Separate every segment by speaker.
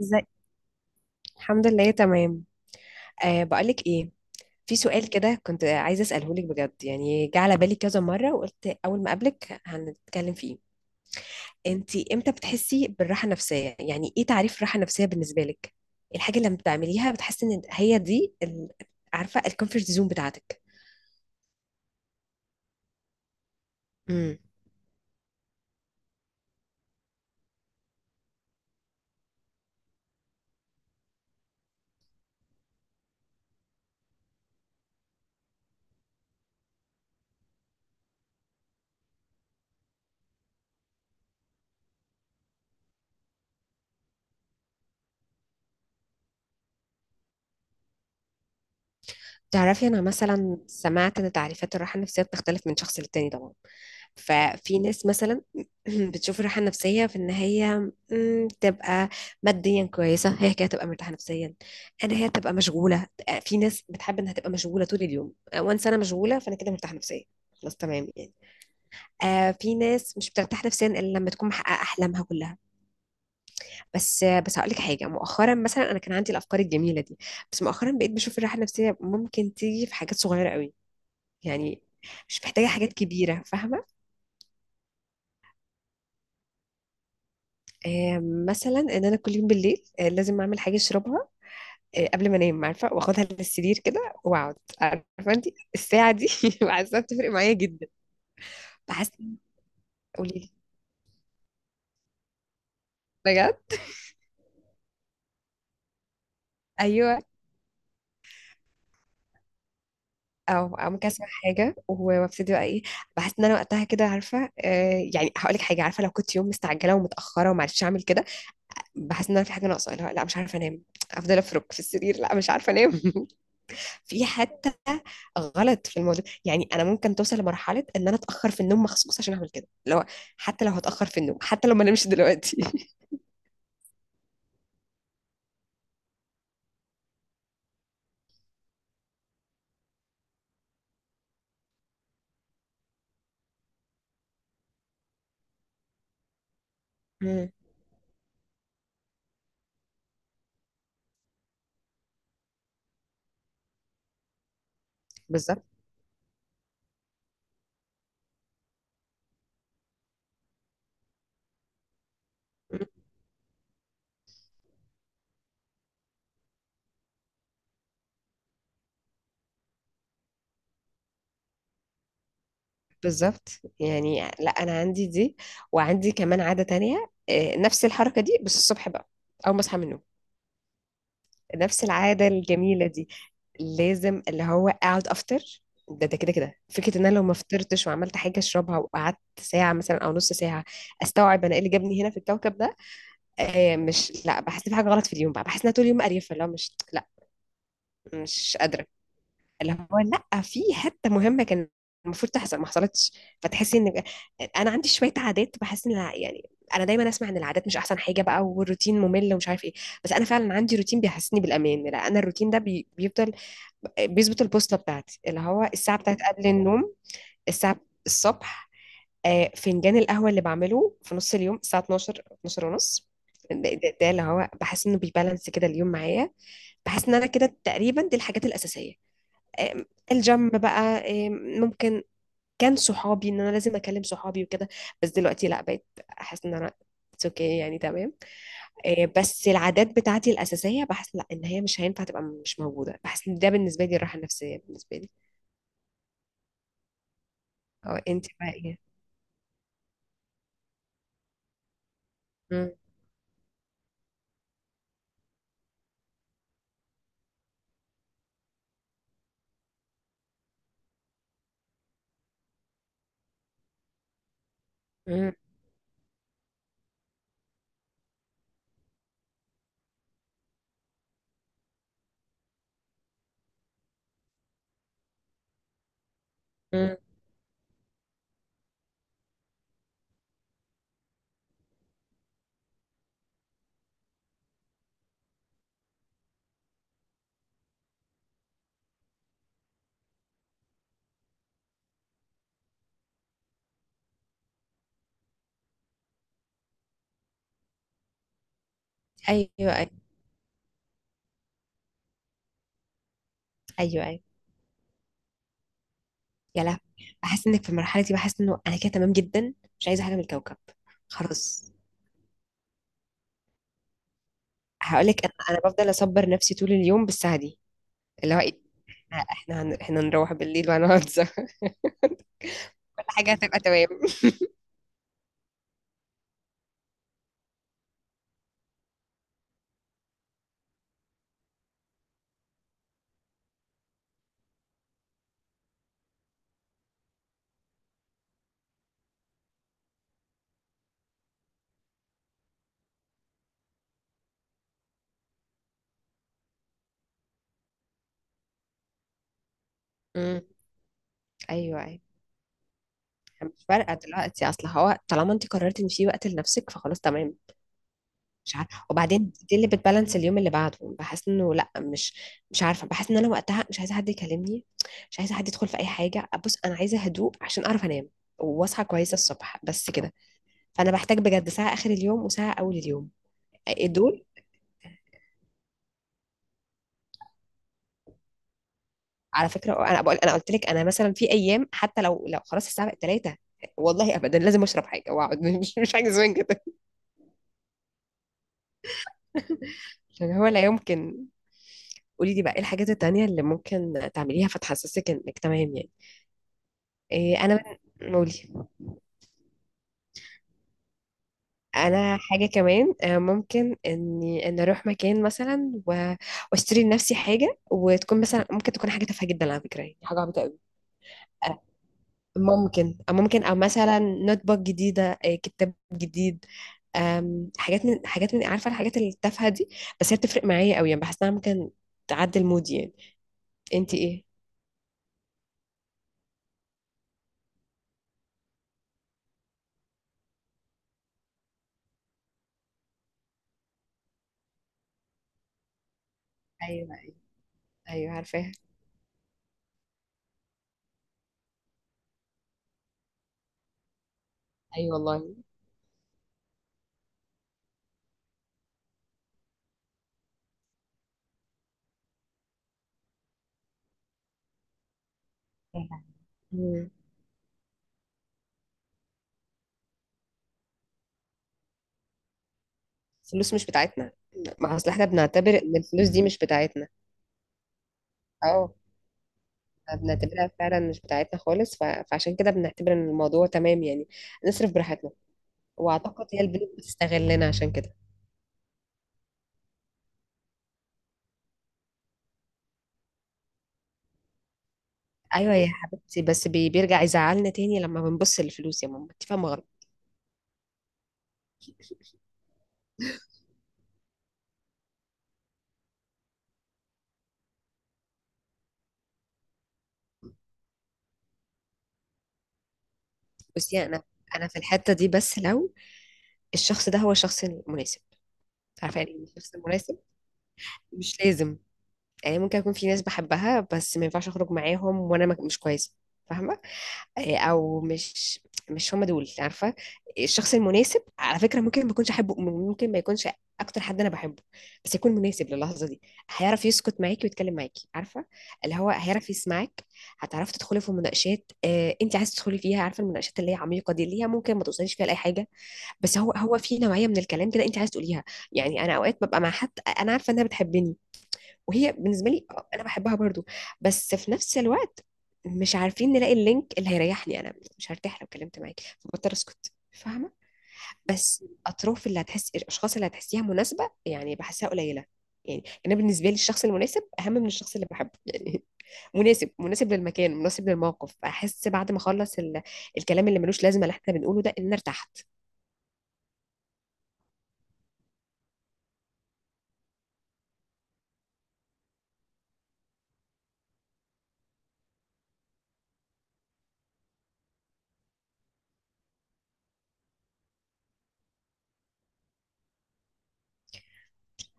Speaker 1: ازاي. الحمد لله تمام. أه، بقولك ايه؟ في سؤال كده كنت عايزه اساله لك بجد، يعني جه على بالي كذا مره وقلت اول ما اقابلك هنتكلم فيه. انتي امتى بتحسي بالراحه النفسيه؟ يعني ايه تعريف راحه نفسيه بالنسبه لك؟ الحاجه اللي لما بتعمليها بتحسي ان هي دي عارفه، الكومفورت زون بتاعتك. تعرفي، أنا مثلا سمعت إن تعريفات الراحة النفسية بتختلف من شخص للتاني طبعا. ففي ناس مثلا بتشوف الراحة النفسية في إن هي، تبقى ماديا كويسة، هي كده تبقى مرتاحة نفسيا. أنا هي تبقى مشغولة. في ناس بتحب إنها تبقى مشغولة طول اليوم، وانس أنا مشغولة فأنا كده مرتاحة نفسيا. خلاص تمام يعني. آه، في ناس مش بترتاح نفسيا إلا لما تكون محققة أحلامها كلها. بس هقول لك حاجة، مؤخرا مثلا أنا كان عندي الأفكار الجميلة دي. بس مؤخرا بقيت بشوف الراحة النفسية ممكن تيجي في حاجات صغيرة قوي. يعني مش محتاجة حاجات كبيرة، فاهمة؟ آه، مثلا ان انا كل يوم بالليل، لازم اعمل حاجة اشربها. قبل ما انام، عارفة، واخدها للسرير كده واقعد، عارفة انت، الساعة دي بحسها بتفرق معايا جدا. بحس. قولي لي. بجد؟ ايوه، او ممكن اسمع حاجة وابتدي، بقى ايه. بحس ان انا وقتها كده، عارفة، يعني هقول لك حاجة، عارفة، لو كنت يوم مستعجلة ومتأخرة ومعرفتش اعمل كده. بحس ان انا في حاجة ناقصة، لا لا مش عارفة انام. افضل افرك في السرير، لا مش عارفة انام في حتى غلط في الموضوع، يعني انا ممكن توصل لمرحله ان انا اتاخر في النوم مخصوص عشان اعمل كده، حتى لو هتاخر في النوم، حتى لو ما نمش دلوقتي مم. بالظبط. مم. بالظبط. يعني لا، انا عندي دي، وعندي كمان عاده تانية، نفس الحركه دي بس الصبح بقى. اول ما اصحى من النوم، نفس العاده الجميله دي. لازم اللي هو اقعد افطر. ده كده كده فكره ان انا لو ما فطرتش وعملت حاجه اشربها، وقعدت ساعه مثلا او نص ساعه، استوعب انا ايه اللي جابني هنا في الكوكب ده. مش، لا، بحس بحاجه غلط في اليوم بقى. بحس ان أنا طول اليوم قريفه، اللي هو مش، لا، مش قادره. اللي هو، لا، في حته مهمه كان المفروض تحصل ما حصلتش. فتحسي ان انا عندي شويه عادات، بحس ان يعني انا دايما اسمع ان العادات مش احسن حاجه بقى، والروتين ممل ومش عارف ايه. بس انا فعلا عندي روتين بيحسسني بالامان. لا، انا الروتين ده بيفضل بيظبط البوصله بتاعتي، اللي هو الساعه بتاعت قبل النوم. الساعه الصبح، فنجان القهوة اللي بعمله في نص اليوم الساعة 12 12 ونص. ده اللي هو بحس انه بيبالانس كده اليوم معايا. بحس ان انا كده تقريبا دي الحاجات الأساسية. آم، الجيم بقى. آم، ممكن، كان صحابي ان انا لازم اكلم صحابي وكده، بس دلوقتي لا، بقيت احس ان انا اتس اوكي يعني تمام. بس العادات بتاعتي الأساسية بحس لا، ان هي مش هينفع تبقى مش موجودة. بحس ان ده بالنسبة لي الراحة النفسية بالنسبة لي. اه، انت بقى ايه؟ مم. مم. مم. ايوه، ايوه، ايوه، أيوه. يا لهوي. بحس انك في المرحله دي، بحس انه انا كده تمام جدا، مش عايزه حاجه من الكوكب. خلاص، هقول لك انا بفضل اصبر نفسي طول اليوم بالساعه دي. اللي هو ايه، احنا هنروح بالليل وهنقعد سوا كل حاجه هتبقى تمام امم ايوه، ايوه، مش فارقه دلوقتي، اصل هو طالما انت قررتي ان في وقت لنفسك فخلاص تمام. مش عارفه، وبعدين دي اللي بتبالانس اليوم اللي بعده. بحس انه لا، مش عارفه. بحس ان انا وقتها مش عايزه حد يكلمني، مش عايزه حد يدخل في اي حاجه. بص، انا عايزه هدوء عشان اعرف انام واصحى كويسه الصبح، بس كده. فانا بحتاج بجد ساعه اخر اليوم وساعه اول اليوم، دول على فكره. انا بقول، انا قلت لك، انا مثلا في ايام حتى لو خلاص الساعه بقت 3، والله ابدا لازم اشرب حاجه واقعد مش حاجه زمان كده. عشان هو لا يمكن. قولي لي بقى ايه الحاجات التانية اللي ممكن تعمليها فتحسسك انك تمام يعني. إيه انا؟ قولي. انا حاجه كمان، ممكن اني اروح مكان مثلا واشتري لنفسي حاجه، وتكون مثلا ممكن تكون حاجه تافهه جدا على فكره، يعني حاجه عبيطه قوي. آه، ممكن او مثلا نوت بوك جديده، كتاب جديد. حاجات من عارفه الحاجات التافهه دي. بس هي بتفرق معايا قوي، يعني بحس انها ممكن تعدل مودي يعني. انت ايه؟ ايوه، ايوه، عارفاها. ايوه والله، عارفاها. مم. الفلوس مش بتاعتنا. ما اصل احنا بنعتبر ان الفلوس دي مش بتاعتنا. اه، فبنعتبرها فعلا مش بتاعتنا خالص، فعشان كده بنعتبر ان الموضوع تمام يعني. نصرف براحتنا. واعتقد هي البنوك بتستغلنا عشان كده. ايوه يا حبيبتي، بس بيرجع يزعلنا تاني لما بنبص للفلوس، يا ماما انت فاهمه غلط. بصي، انا في الحته دي بس لو الشخص ده هو الشخص المناسب. عارفه يعني إيه الشخص المناسب. مش لازم، يعني ممكن يكون في ناس بحبها بس ما ينفعش اخرج معاهم وانا مش كويسه، فاهمه؟ او، مش هم دول عارفه، الشخص المناسب على فكره ممكن ما يكونش احبه، ممكن ما يكونش اكتر حد انا بحبه. بس يكون مناسب للحظه دي. هيعرف يسكت معاكي ويتكلم معاكي، عارفه. اللي هو هيعرف يسمعك. هتعرفي تدخلي في مناقشات انت عايزه تدخلي فيها، عارفه المناقشات اللي هي عميقه دي، اللي هي ممكن ما توصليش فيها لاي حاجه. بس هو في نوعيه من الكلام كده انت عايزه تقوليها. يعني انا اوقات ببقى مع حد، انا عارفه انها بتحبني، وهي بالنسبه لي، انا بحبها برضو. بس في نفس الوقت مش عارفين نلاقي اللينك. اللي هيريحني انا مش هرتاح لو اتكلمت معاك، فبضطر اسكت، فاهمه. بس اطراف اللي هتحس، الاشخاص اللي هتحسيها مناسبه يعني بحسها قليله. يعني انا بالنسبه لي الشخص المناسب اهم من الشخص اللي بحبه يعني. مناسب، مناسب للمكان، مناسب للموقف. احس بعد ما اخلص الكلام اللي ملوش لازمه اللي احنا بنقوله ده ان انا ارتحت.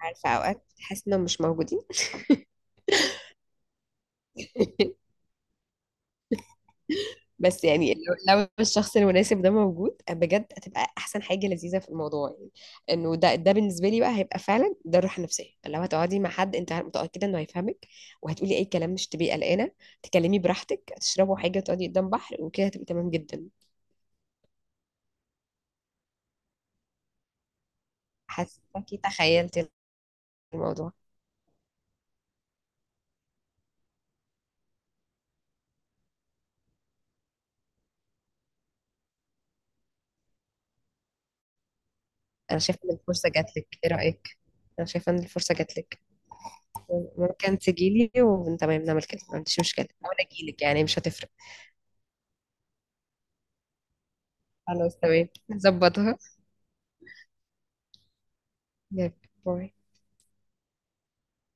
Speaker 1: عارفه اوقات تحس انهم مش موجودين بس يعني لو الشخص المناسب ده موجود بجد، هتبقى احسن حاجه لذيذه في الموضوع. يعني انه ده بالنسبه لي بقى هيبقى فعلا ده الراحه النفسيه. لو هتقعدي مع حد انت متاكده انه هيفهمك، وهتقولي اي كلام مش تبقي قلقانه، تكلمي براحتك، تشربوا حاجه، تقعدي قدام بحر وكده، هتبقي تمام جدا. حاساكي تخيلتي الموضوع. انا شايفه ان الفرصه جات لك، ايه رايك؟ انا شايفه ان الفرصه جات لك. ممكن تجيلي وتمام، نعمل كده ما عنديش مشكله، او انا اجيلك يعني مش هتفرق. خلاص تمام، نظبطها. يلا، باي.